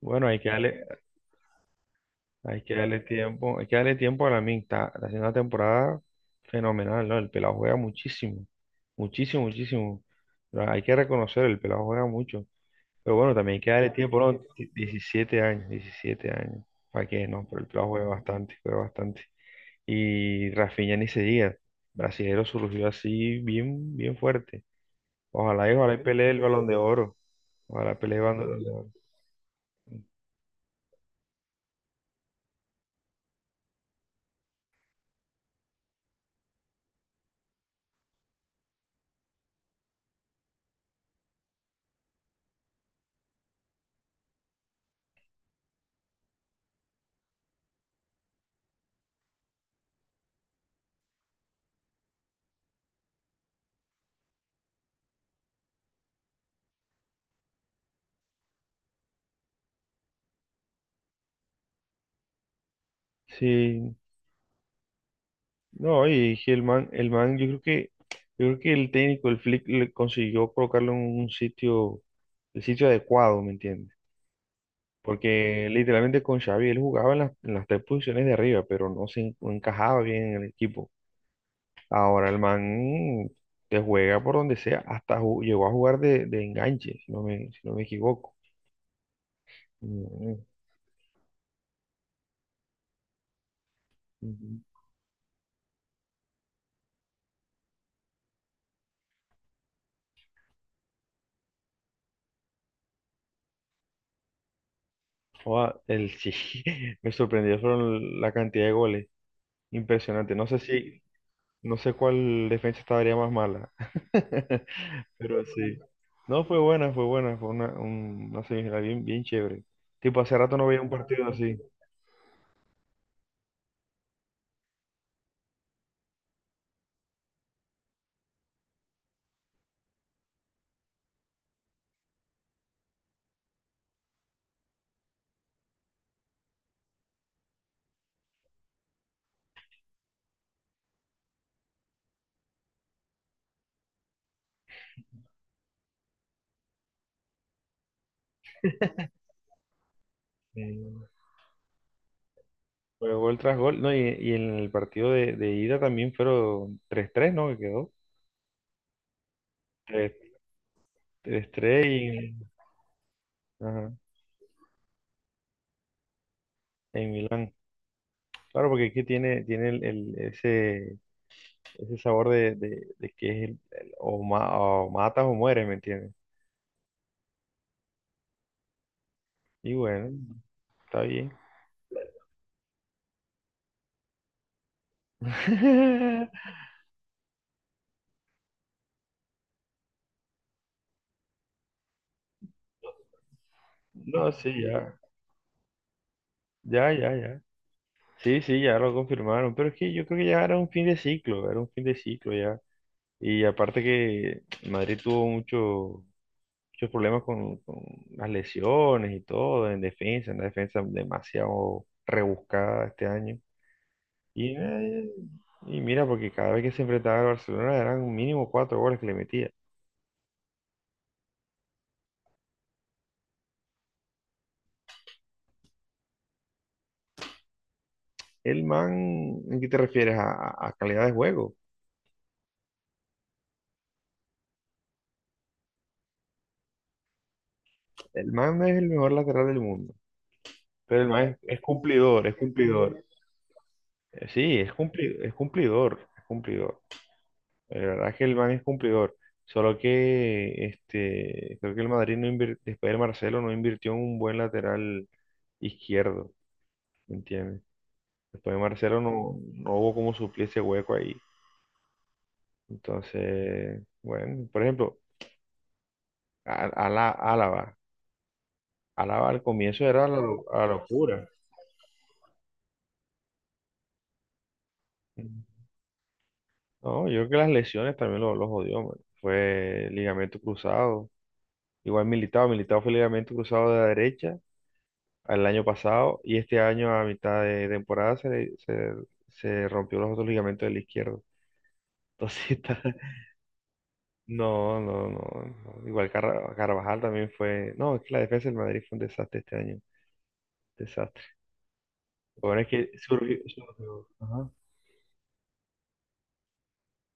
Bueno, hay que darle tiempo, hay que darle tiempo a la está haciendo una temporada fenomenal, ¿no? El pelado juega muchísimo, muchísimo, muchísimo. Pero hay que reconocer, el pelado juega mucho. Pero bueno, también hay que darle tiempo, ¿no? Diecisiete años, 17 años. ¿Para qué? No, pero el pelado juega bastante, juega bastante. Y Rafinha ni se diga. Brasilero surgió así bien, bien fuerte. Ojalá y ojalá y pelee el Balón de Oro. Ojalá pelee el Balón de Oro. Sí. No, y sí, el man, yo creo que el técnico, el Flick, le consiguió colocarlo en un sitio, el sitio adecuado, ¿me entiendes? Porque literalmente con Xavi él jugaba en en las tres posiciones de arriba, pero no encajaba bien en el equipo. Ahora el man te juega por donde sea, llegó a jugar de enganche, si no me equivoco. Mm, ujú. Joda, sí, me sorprendió fueron la cantidad de goles, impresionante. No sé cuál defensa estaría más mala, pero sí. No, fue buena, una semifinal bien, bien chévere. Tipo, hace rato no veía un partido así. Eh, Fue gol tras gol, no, y en el partido de ida también fueron tres ¿no? Que quedó. tres- 3-3. Y ajá, en Milán. Claro, porque aquí tiene, ese, ese sabor de, de que es o matas o mueres, ¿me entiendes? Y bueno, está bien. No, sí, ya. Ya, ya, ya. Sí, sí, ya lo confirmaron. Pero es que yo creo que ya era un fin de ciclo, era un fin de ciclo ya. Y aparte que Madrid tuvo mucho- muchos problemas con las lesiones y todo, en defensa, en la defensa demasiado rebuscada este año. Y, eh, y mira, porque cada vez que se enfrentaba al Barcelona eran mínimo 4 goles que le metía. El man, ¿en qué te refieres? A calidad de juego. El man no es el mejor lateral del mundo. Pero el man es cumplidor, es cumplidor. Sí, es cumplidor, es cumplidor. La verdad es que el man es cumplidor. Solo que este, creo que el Madrid no invir- después de Marcelo, no invirtió en un buen lateral izquierdo, ¿me entiendes? Después de Marcelo no, no hubo como suplir ese hueco ahí. Entonces, bueno, por ejemplo, Álava. Álava al comienzo era la locura. No, yo creo que las lesiones también lo jodió, man. Fue ligamento cruzado. Igual militado, militado fue ligamento cruzado de la derecha al año pasado, y este año a mitad de temporada se rompió los otros ligamentos del izquierdo. Entonces, no, no, no, no. Igual Carvajal también fue. No, es que la defensa del Madrid fue un desastre este año. Desastre. Lo bueno es que surgió. Ajá.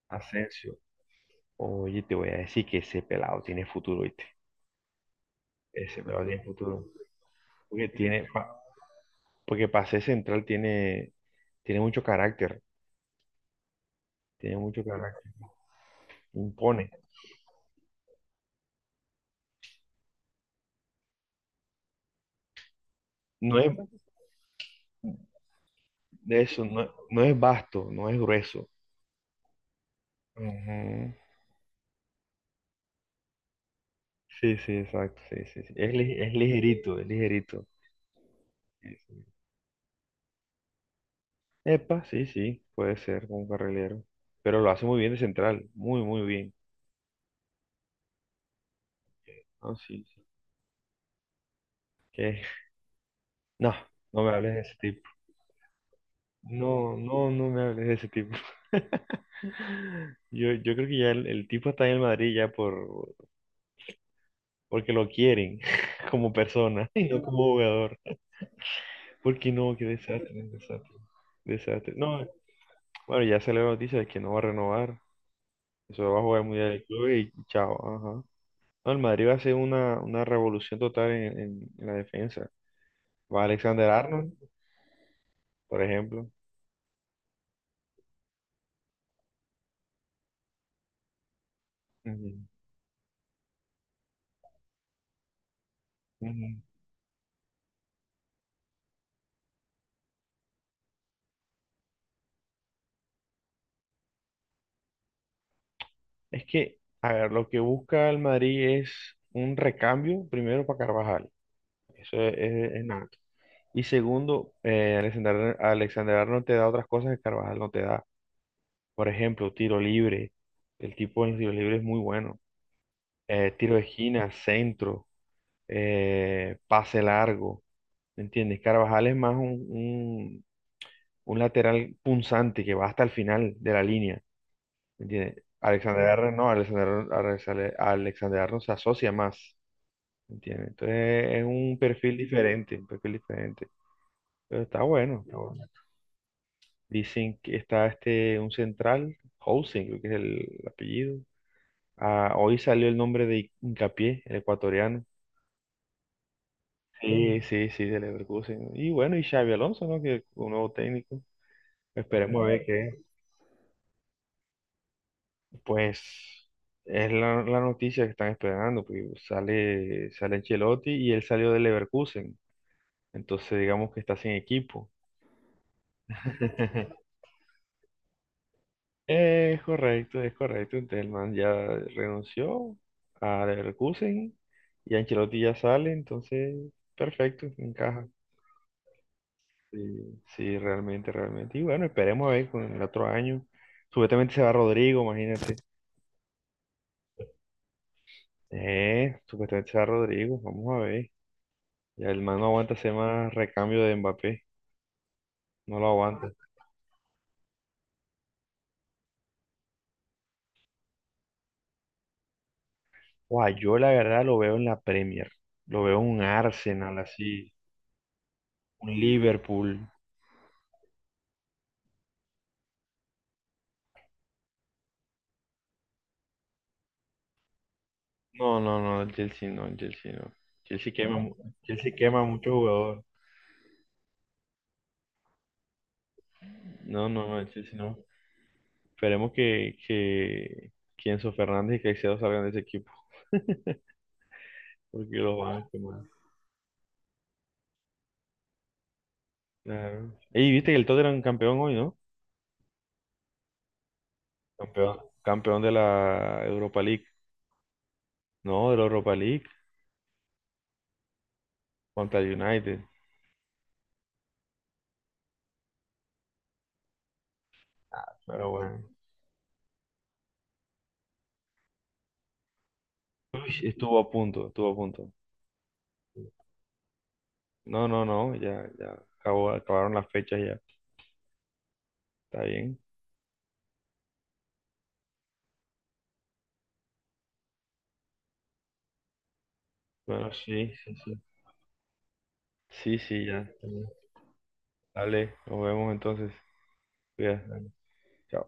Asensio. Oye, te voy a decir que ese pelado tiene futuro, ¿viste? Ese pelado tiene futuro. Porque tiene. pa- Porque para ser central tiene, tiene mucho carácter. Tiene mucho carácter. Impone. No es de eso, no, no es vasto, no es grueso. Ujú. Sí, sí, exacto, sí, sí, sí. Es ligerito, es ligerito. Sí, sí. Epa, sí, sí, puede ser como un carrilero. Pero lo hace muy bien de central, muy, muy bien. Ah, sí, sí. Que- no, no me hables de ese tipo. No, no, no me hables de ese tipo. Yo creo que ya el tipo está en el Madrid ya por, porque lo quieren como persona y no como jugador. Porque no, qué desastre, desastre, desastre. No, bueno, ya salió la noticia de que no va a renovar. Eso va a jugar muy del club y chao. Ajá. No, el Madrid va a hacer una revolución total en, en la defensa. Va Alexander Arnold, por ejemplo. Ujú, ujú. Es que, a ver, lo que busca el Madrid es un recambio, primero para Carvajal. Eso es, es nato. Y segundo, Alexander Arnold te da otras cosas que Carvajal no te da. Por ejemplo, tiro libre. El tipo en los tiros libres es muy bueno. Tiro de esquina, centro, pase largo. ¿Me entiendes? Carvajal es más un lateral punzante que va hasta el final de la línea. ¿Me entiendes? Alexander Arnold no, Alexander Arnold se asocia más. ¿Me entiendes? Entonces es un perfil diferente, un perfil diferente. Pero está bueno. Está bueno. Dicen que está este, un central, Housing, creo que es el apellido. Ah, hoy salió el nombre de Hincapié, el ecuatoriano. Sí, sí. Sí, sí, de Leverkusen. Y bueno, y Xavi Alonso, ¿no? Que un nuevo técnico. Esperemos a ver qué. Pues es la noticia que están esperando. Pues sale, sale Ancelotti y él salió de Leverkusen. Entonces digamos que está sin equipo. Es correcto, es correcto. Entonces el man ya renunció a Leverkusen y Ancelotti ya sale. Entonces, perfecto, encaja. Sí, sí, realmente, realmente. Y bueno, esperemos a ver con el otro año. Supuestamente se va Rodrigo, imagínate. Supuestamente se va Rodrigo, vamos a ver. Ya el man no aguanta hacer más recambio de Mbappé, no lo aguanta. Guau, yo la verdad lo veo en la Premier, lo veo en un Arsenal así, un Liverpool. No, no, no, el Chelsea no, el Chelsea no. Chelsea quema, mu- Chelsea quema mucho jugador. No, no, no, el Chelsea no. Esperemos que Enzo Fernández y Caicedo salgan de ese equipo. Porque lo van a quemar. Claro. Ey, viste que el Tottenham campeón hoy, ¿no? Campeón, campeón de la Europa League. No, de la Europa League contra el United. Pero bueno. Uy, estuvo a punto, estuvo a punto. No, no, no, ya, ya. Acabó, acabaron las fechas ya. Está bien. Bueno, sí, sí, sí. Sí, sí, ya. Dale, nos vemos entonces. Cuídate. Dale. Chao.